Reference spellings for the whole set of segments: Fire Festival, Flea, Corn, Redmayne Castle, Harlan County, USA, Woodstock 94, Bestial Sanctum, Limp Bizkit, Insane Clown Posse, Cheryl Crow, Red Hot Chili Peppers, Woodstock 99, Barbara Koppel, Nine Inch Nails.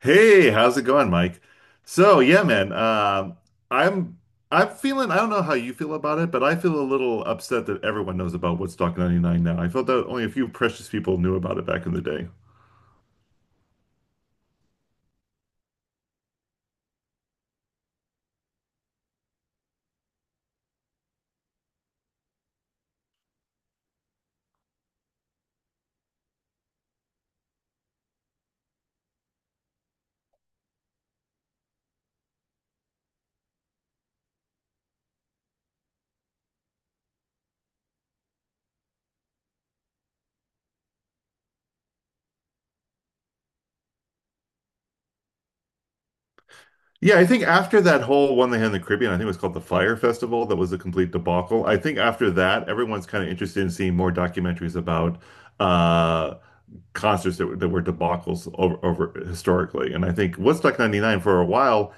Hey, how's it going, Mike? So, yeah, man, um, I'm I'm feeling. I don't know how you feel about it, but I feel a little upset that everyone knows about Woodstock 99 now. I felt that only a few precious people knew about it back in the day. Yeah, I think after that whole one they had in the Caribbean, I think it was called the Fire Festival, that was a complete debacle. I think after that, everyone's kind of interested in seeing more documentaries about uh, concerts that were debacles over historically. And I think Woodstock 99 for a while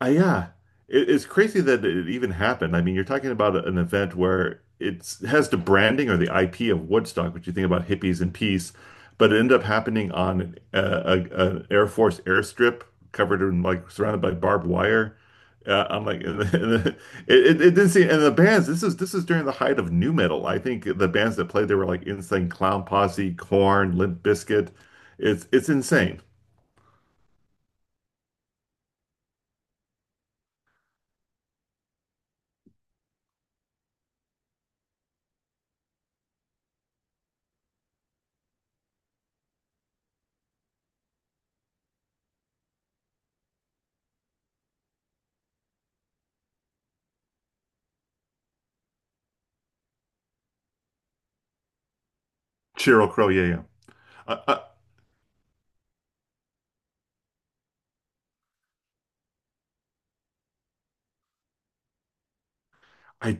uh, yeah, it's crazy that it even happened. I mean, you're talking about an event where it has the branding or the IP of Woodstock, which you think about hippies and peace, but it ended up happening on an Air Force airstrip covered in surrounded by barbed wire. I'm like, it didn't seem, and the bands. This is during the height of new metal. I think the bands that played there were like Insane Clown Posse, Corn, Limp Bizkit. It's insane. Cheryl Crow, yeah, yeah. I, I, I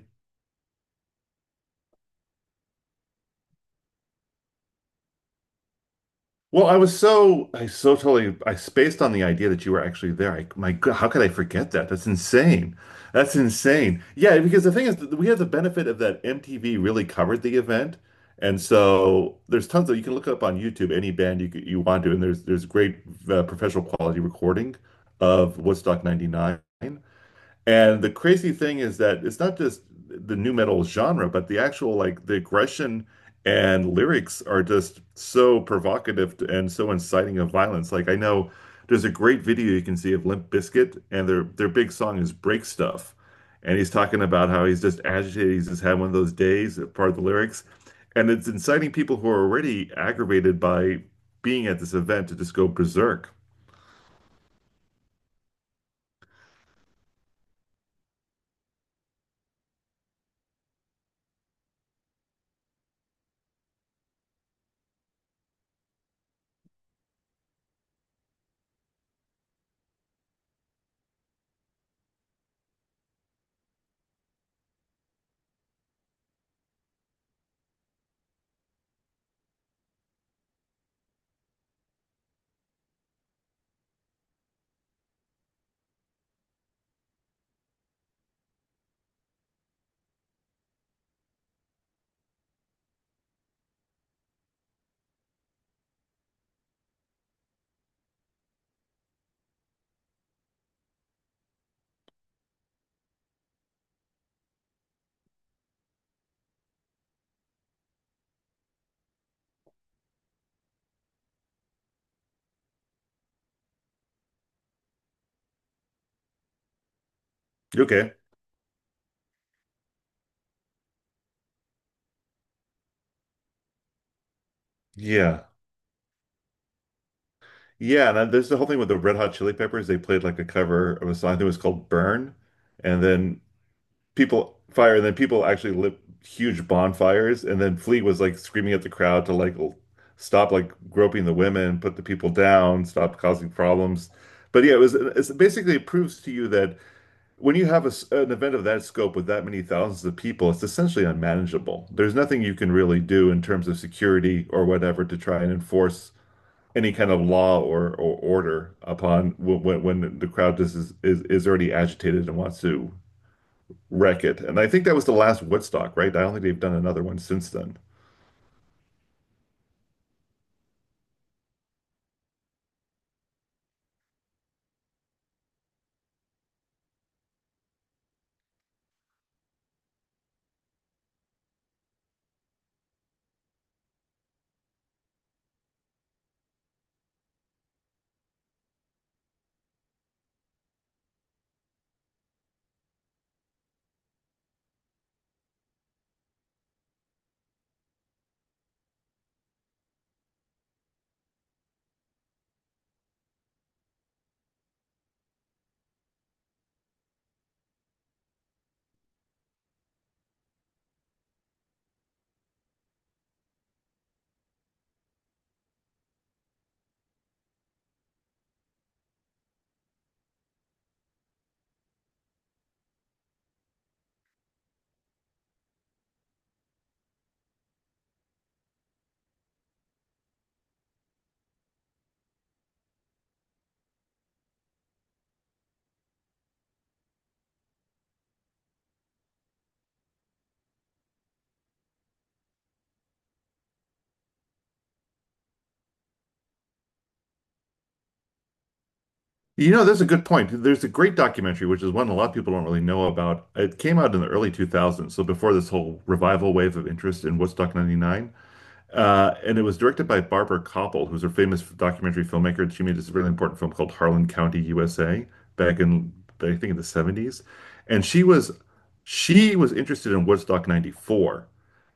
Well, I was so I so totally I spaced on the idea that you were actually there. I, my God, how could I forget that? That's insane. That's insane. Yeah, because the thing is that we have the benefit of that MTV really covered the event, and so there's tons of. You can look up on YouTube any band you want to, and there's great professional quality recording of Woodstock '99. And the crazy thing is that it's not just the new metal genre, but the actual like the aggression and lyrics are just so provocative and so inciting of violence. Like I know there's a great video you can see of Limp Bizkit, and their big song is Break Stuff. And he's talking about how he's just agitated, he's just had one of those days, part of the lyrics. And it's inciting people who are already aggravated by being at this event to just go berserk. Okay. Yeah. Yeah, and then there's the whole thing with the Red Hot Chili Peppers. They played like a cover of a song. I think it was called Burn. And then people fire, and then people actually lit huge bonfires. And then Flea was like screaming at the crowd to stop like groping the women, put the people down, stop causing problems. But yeah, it's basically it proves to you that when you have a s an event of that scope with that many thousands of people, it's essentially unmanageable. There's nothing you can really do in terms of security or whatever to try and enforce any kind of law or order upon when the crowd just is already agitated and wants to wreck it. And I think that was the last Woodstock, right? I don't think they've done another one since then. You know, that's a good point. There's a great documentary, which is one a lot of people don't really know about. It came out in the early 2000s, so before this whole revival wave of interest in Woodstock 99. And it was directed by Barbara Koppel, who's a famous documentary filmmaker. She made this really important film called Harlan County, USA, back in I think in the 70s. And she was interested in Woodstock 94.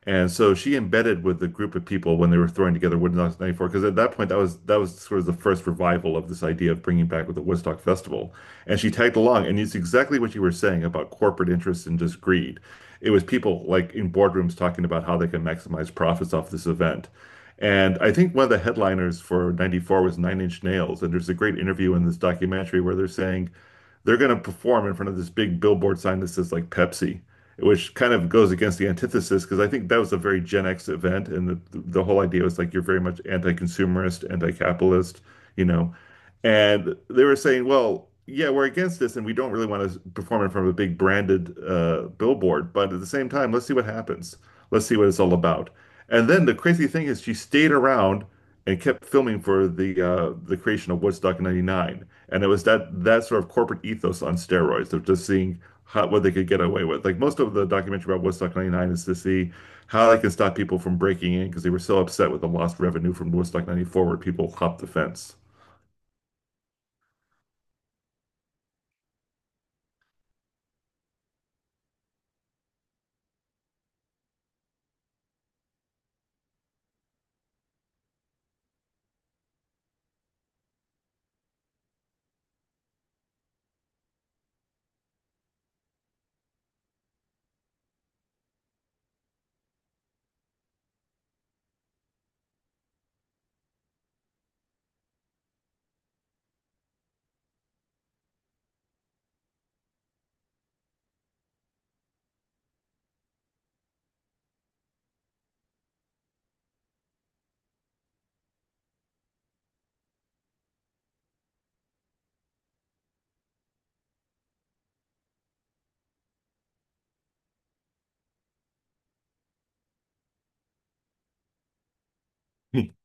And so she embedded with the group of people when they were throwing together Woodstock 94, because at that point that was sort of the first revival of this idea of bringing back with the Woodstock Festival. And she tagged along, and it's exactly what you were saying about corporate interests and just greed. It was people like in boardrooms talking about how they can maximize profits off this event. And I think one of the headliners for 94 was Nine Inch Nails. And there's a great interview in this documentary where they're saying they're going to perform in front of this big billboard sign that says like Pepsi, which kind of goes against the antithesis because I think that was a very Gen X event. And the whole idea was like you're very much anti consumerist, anti capitalist, you know, and they were saying, well, yeah, we're against this and we don't really want to perform in front of a big branded billboard. But at the same time, let's see what happens. Let's see what it's all about. And then the crazy thing is, she stayed around and kept filming for the creation of Woodstock in '99. And it was that sort of corporate ethos on steroids of just seeing how, what they could get away with. Like most of the documentary about Woodstock '99 is to see how they can stop people from breaking in because they were so upset with the lost revenue from Woodstock '94 where people hopped the fence.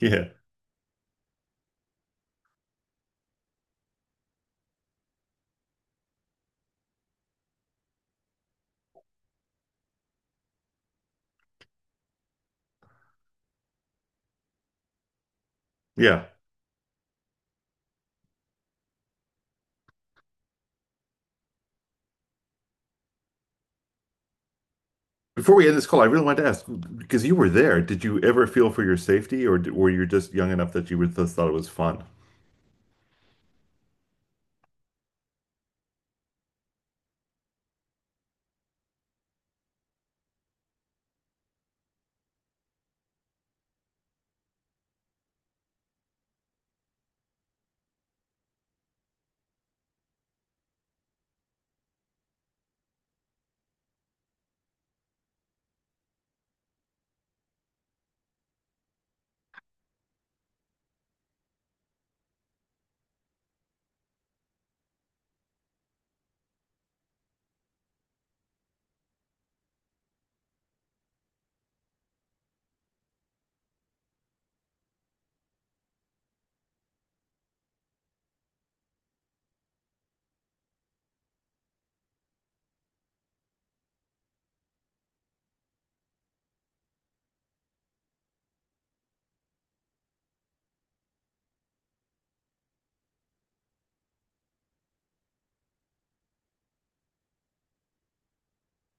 Yeah. Yeah. Before we end this call, I really wanted to ask because you were there, did you ever feel for your safety, or were you just young enough that just thought it was fun?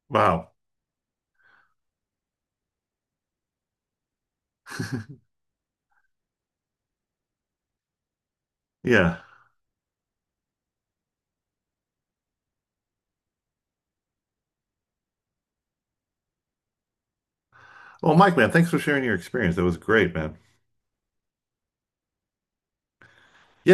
Wow. Yeah. Well, Mike, man, thanks for sharing your experience. That was great, man.